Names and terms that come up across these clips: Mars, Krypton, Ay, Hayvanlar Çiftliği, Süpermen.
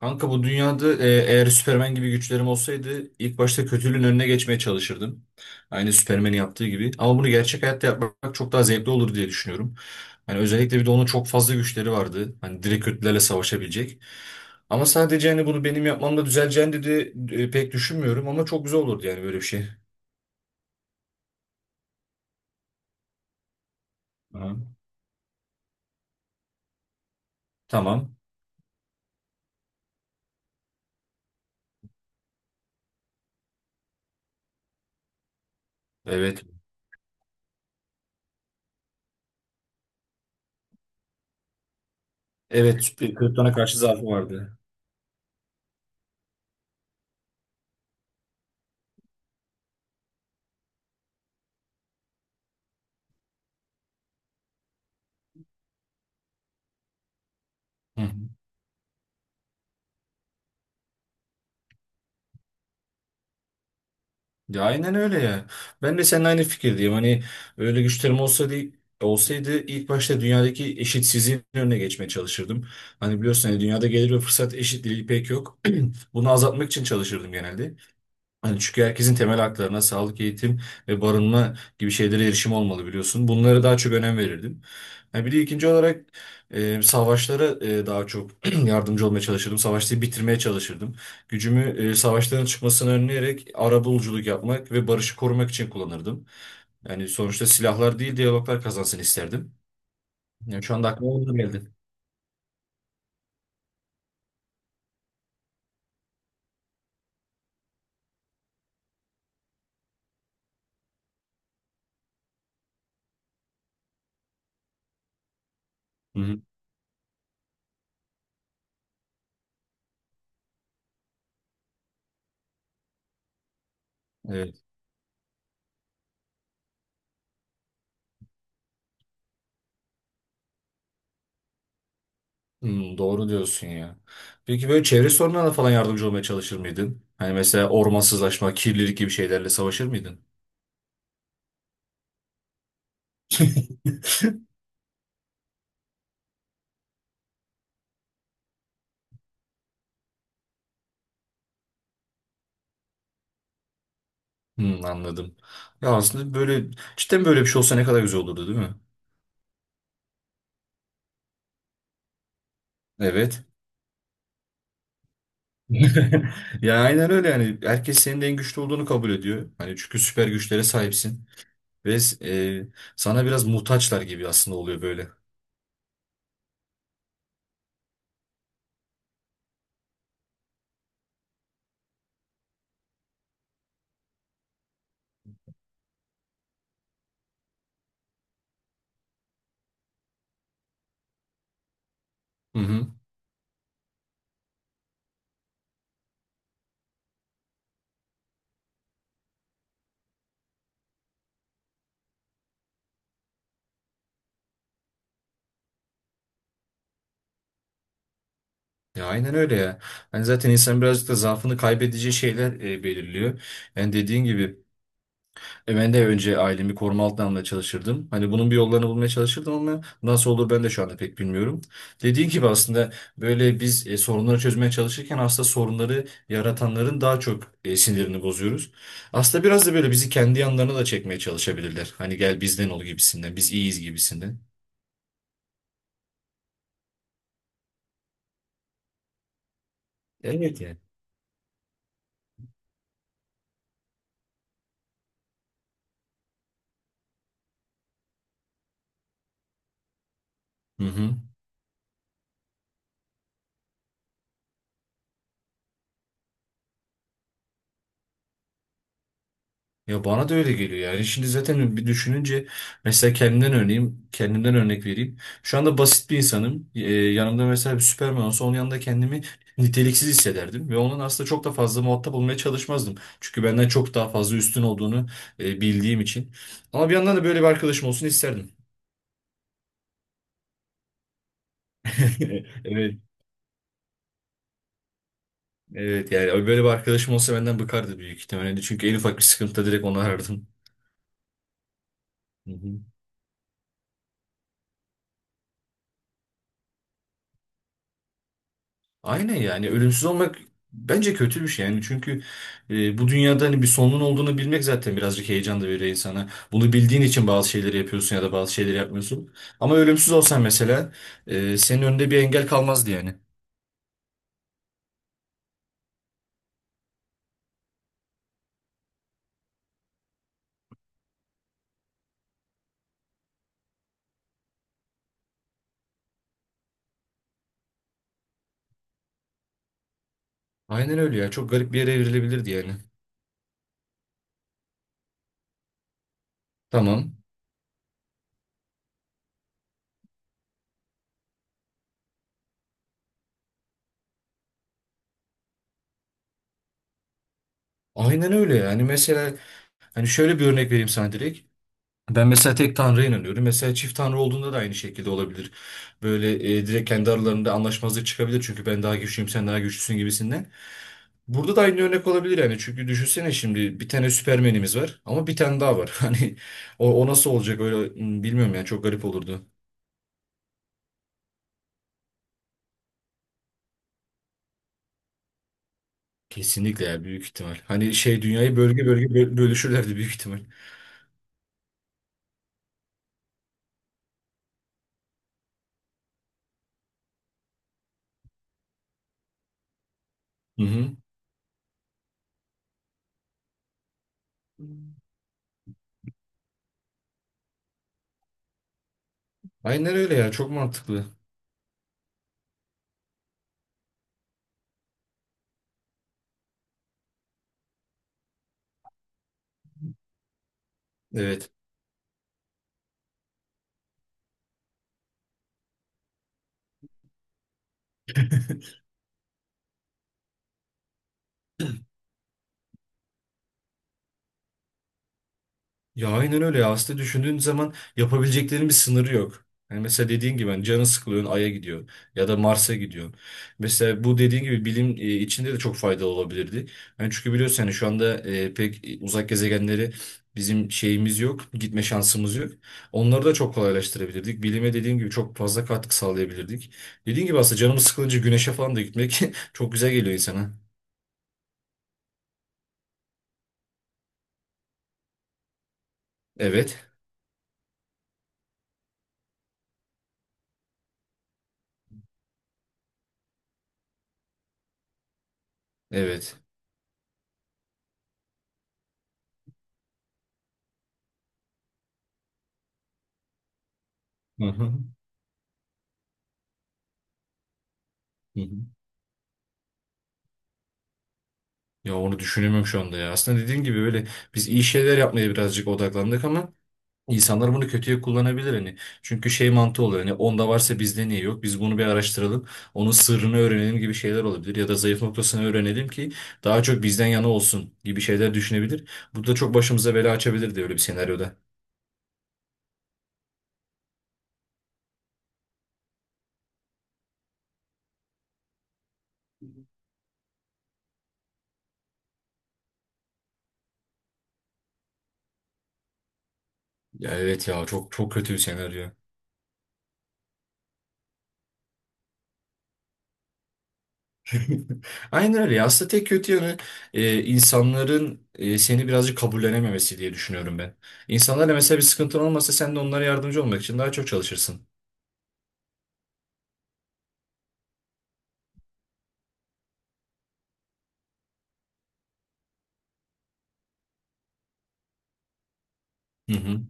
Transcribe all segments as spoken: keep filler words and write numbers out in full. Kanka bu dünyada e, eğer Süpermen gibi güçlerim olsaydı ilk başta kötülüğün önüne geçmeye çalışırdım. Aynı Süpermen'in yaptığı gibi. Ama bunu gerçek hayatta yapmak çok daha zevkli olur diye düşünüyorum. Hani özellikle bir de onun çok fazla güçleri vardı. Hani direkt kötülerle savaşabilecek. Ama sadece hani bunu benim yapmamla düzeleceğini dedi e, pek düşünmüyorum ama çok güzel olurdu yani böyle bir şey. Aha. Tamam. Evet. Evet, Krypton'a karşı zaafı vardı. Hı. hı. Ya aynen öyle ya. Ben de seninle aynı fikirdeyim. Hani öyle güçlerim olsa değil, olsaydı ilk başta dünyadaki eşitsizliğin önüne geçmeye çalışırdım. Hani biliyorsun hani dünyada gelir ve fırsat eşitliği pek yok. Bunu azaltmak için çalışırdım genelde. Hani çünkü herkesin temel haklarına sağlık, eğitim ve barınma gibi şeylere erişim olmalı biliyorsun. Bunlara daha çok önem verirdim. Ha, bir de ikinci olarak e, savaşlara e, daha çok yardımcı olmaya çalışırdım. Savaşları bitirmeye çalışırdım. Gücümü e, savaşların çıkmasını önleyerek arabuluculuk yapmak ve barışı korumak için kullanırdım. Yani sonuçta silahlar değil diyaloglar kazansın isterdim. Yani şu anda aklıma onlar geldi. Hı hı. Hmm, doğru diyorsun ya. Peki böyle çevre sorunlarına falan yardımcı olmaya çalışır mıydın? Hani mesela ormansızlaşma, kirlilik gibi şeylerle savaşır mıydın? Hmm, anladım. Ya aslında böyle cidden böyle bir şey olsa ne kadar güzel olurdu değil mi? Evet. Ya aynen öyle yani. Herkes senin de en güçlü olduğunu kabul ediyor. Hani çünkü süper güçlere sahipsin. Ve e, sana biraz muhtaçlar gibi aslında oluyor böyle. Hı hı. Ya aynen öyle ya. Hani zaten insan birazcık da zaafını kaybedeceği şeyler e, belirliyor. Yani dediğin gibi E, ben de önce ailemi koruma altına almaya çalışırdım. Hani bunun bir yollarını bulmaya çalışırdım ama nasıl olur ben de şu anda pek bilmiyorum. Dediğin gibi aslında böyle biz e, sorunları çözmeye çalışırken aslında sorunları yaratanların daha çok e, sinirini bozuyoruz. Aslında biraz da böyle bizi kendi yanlarına da çekmeye çalışabilirler. Hani gel bizden ol gibisinden, biz iyiyiz gibisinden. Evet yani. Hı hı. Ya bana da öyle geliyor yani. Şimdi zaten bir düşününce mesela kendimden örneğim, kendimden örnek vereyim. Şu anda basit bir insanım. Ee, yanımda mesela bir Süperman olsa onun yanında kendimi niteliksiz hissederdim ve onun aslında çok da fazla muhatap olmaya çalışmazdım. Çünkü benden çok daha fazla üstün olduğunu e, bildiğim için. Ama bir yandan da böyle bir arkadaşım olsun isterdim. Evet. Evet yani böyle bir arkadaşım olsa benden bıkardı büyük ihtimalle. Çünkü en ufak bir sıkıntıda direkt onu arardım. Hı hı. Aynen yani ölümsüz olmak bence kötü bir şey yani çünkü e, bu dünyada hani bir sonun olduğunu bilmek zaten birazcık heyecan da veriyor insana. Bunu bildiğin için bazı şeyleri yapıyorsun ya da bazı şeyleri yapmıyorsun. Ama ölümsüz olsan mesela e, senin önünde bir engel kalmazdı yani. Aynen öyle ya çok garip bir yere evrilebilirdi yani. Tamam. Aynen öyle yani mesela hani şöyle bir örnek vereyim sana direkt. Ben mesela tek tanrıya inanıyorum. Mesela çift tanrı olduğunda da aynı şekilde olabilir. Böyle e, direkt kendi aralarında anlaşmazlık çıkabilir. Çünkü ben daha güçlüyüm, sen daha güçlüsün gibisinden. Burada da aynı örnek olabilir yani. Çünkü düşünsene şimdi bir tane Süpermen'imiz var ama bir tane daha var. Hani o, o nasıl olacak öyle hmm, bilmiyorum yani çok garip olurdu. Kesinlikle ya büyük ihtimal. Hani şey dünyayı bölge bölge bö- bölüşürlerdi büyük ihtimal. Hı hı. Aynen öyle ya çok mantıklı. Evet. Ya aynen öyle ya. Aslında düşündüğün zaman yapabileceklerinin bir sınırı yok. Yani mesela dediğin gibi hani canı sıkılıyor Ay'a gidiyor ya da Mars'a gidiyor. Mesela bu dediğin gibi bilim e, içinde de çok faydalı olabilirdi. Yani çünkü biliyorsun hani şu anda e, pek e, uzak gezegenleri bizim şeyimiz yok, gitme şansımız yok. Onları da çok kolaylaştırabilirdik. Bilime dediğim gibi çok fazla katkı sağlayabilirdik. Dediğin gibi aslında canımız sıkılınca güneşe falan da gitmek çok güzel geliyor insana. Evet, evet. Hı hı. Hı hı. Ya onu düşünemiyorum şu anda ya. Aslında dediğin gibi böyle biz iyi şeyler yapmaya birazcık odaklandık ama insanlar bunu kötüye kullanabilir hani. Çünkü şey mantığı olur hani onda varsa bizde niye yok? Biz bunu bir araştıralım. Onun sırrını öğrenelim gibi şeyler olabilir ya da zayıf noktasını öğrenelim ki daha çok bizden yana olsun gibi şeyler düşünebilir. Bu da çok başımıza bela açabilir de öyle bir senaryoda. Ya evet ya çok çok kötü bir senaryo. Aynen öyle. Aslında tek kötü yanı e, insanların e, seni birazcık kabullenememesi diye düşünüyorum ben. İnsanlarla mesela bir sıkıntın olmasa sen de onlara yardımcı olmak için daha çok çalışırsın. Hı hı.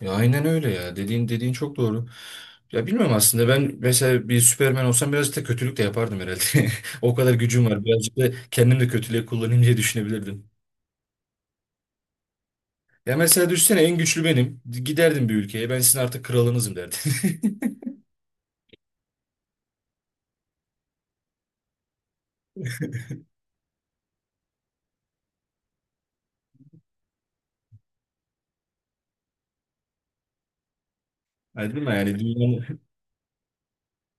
Ya aynen öyle ya. Dediğin dediğin çok doğru. Ya bilmiyorum aslında ben mesela bir Süperman olsam birazcık da kötülük de yapardım herhalde. O kadar gücüm var. Birazcık da kendim de kötülüğe kullanayım diye düşünebilirdim. Ya mesela düşünsene en güçlü benim. Giderdim bir ülkeye. Ben sizin artık kralınızım derdim. Ha, değil mi yani dünyanın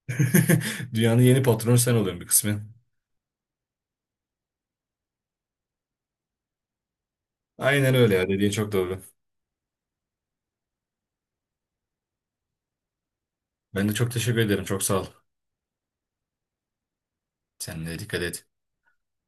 dünyanın yeni patronu sen oluyorsun bir kısmen. Aynen öyle ya dediğin çok doğru. Ben de çok teşekkür ederim. Çok sağ ol. Sen de dikkat et.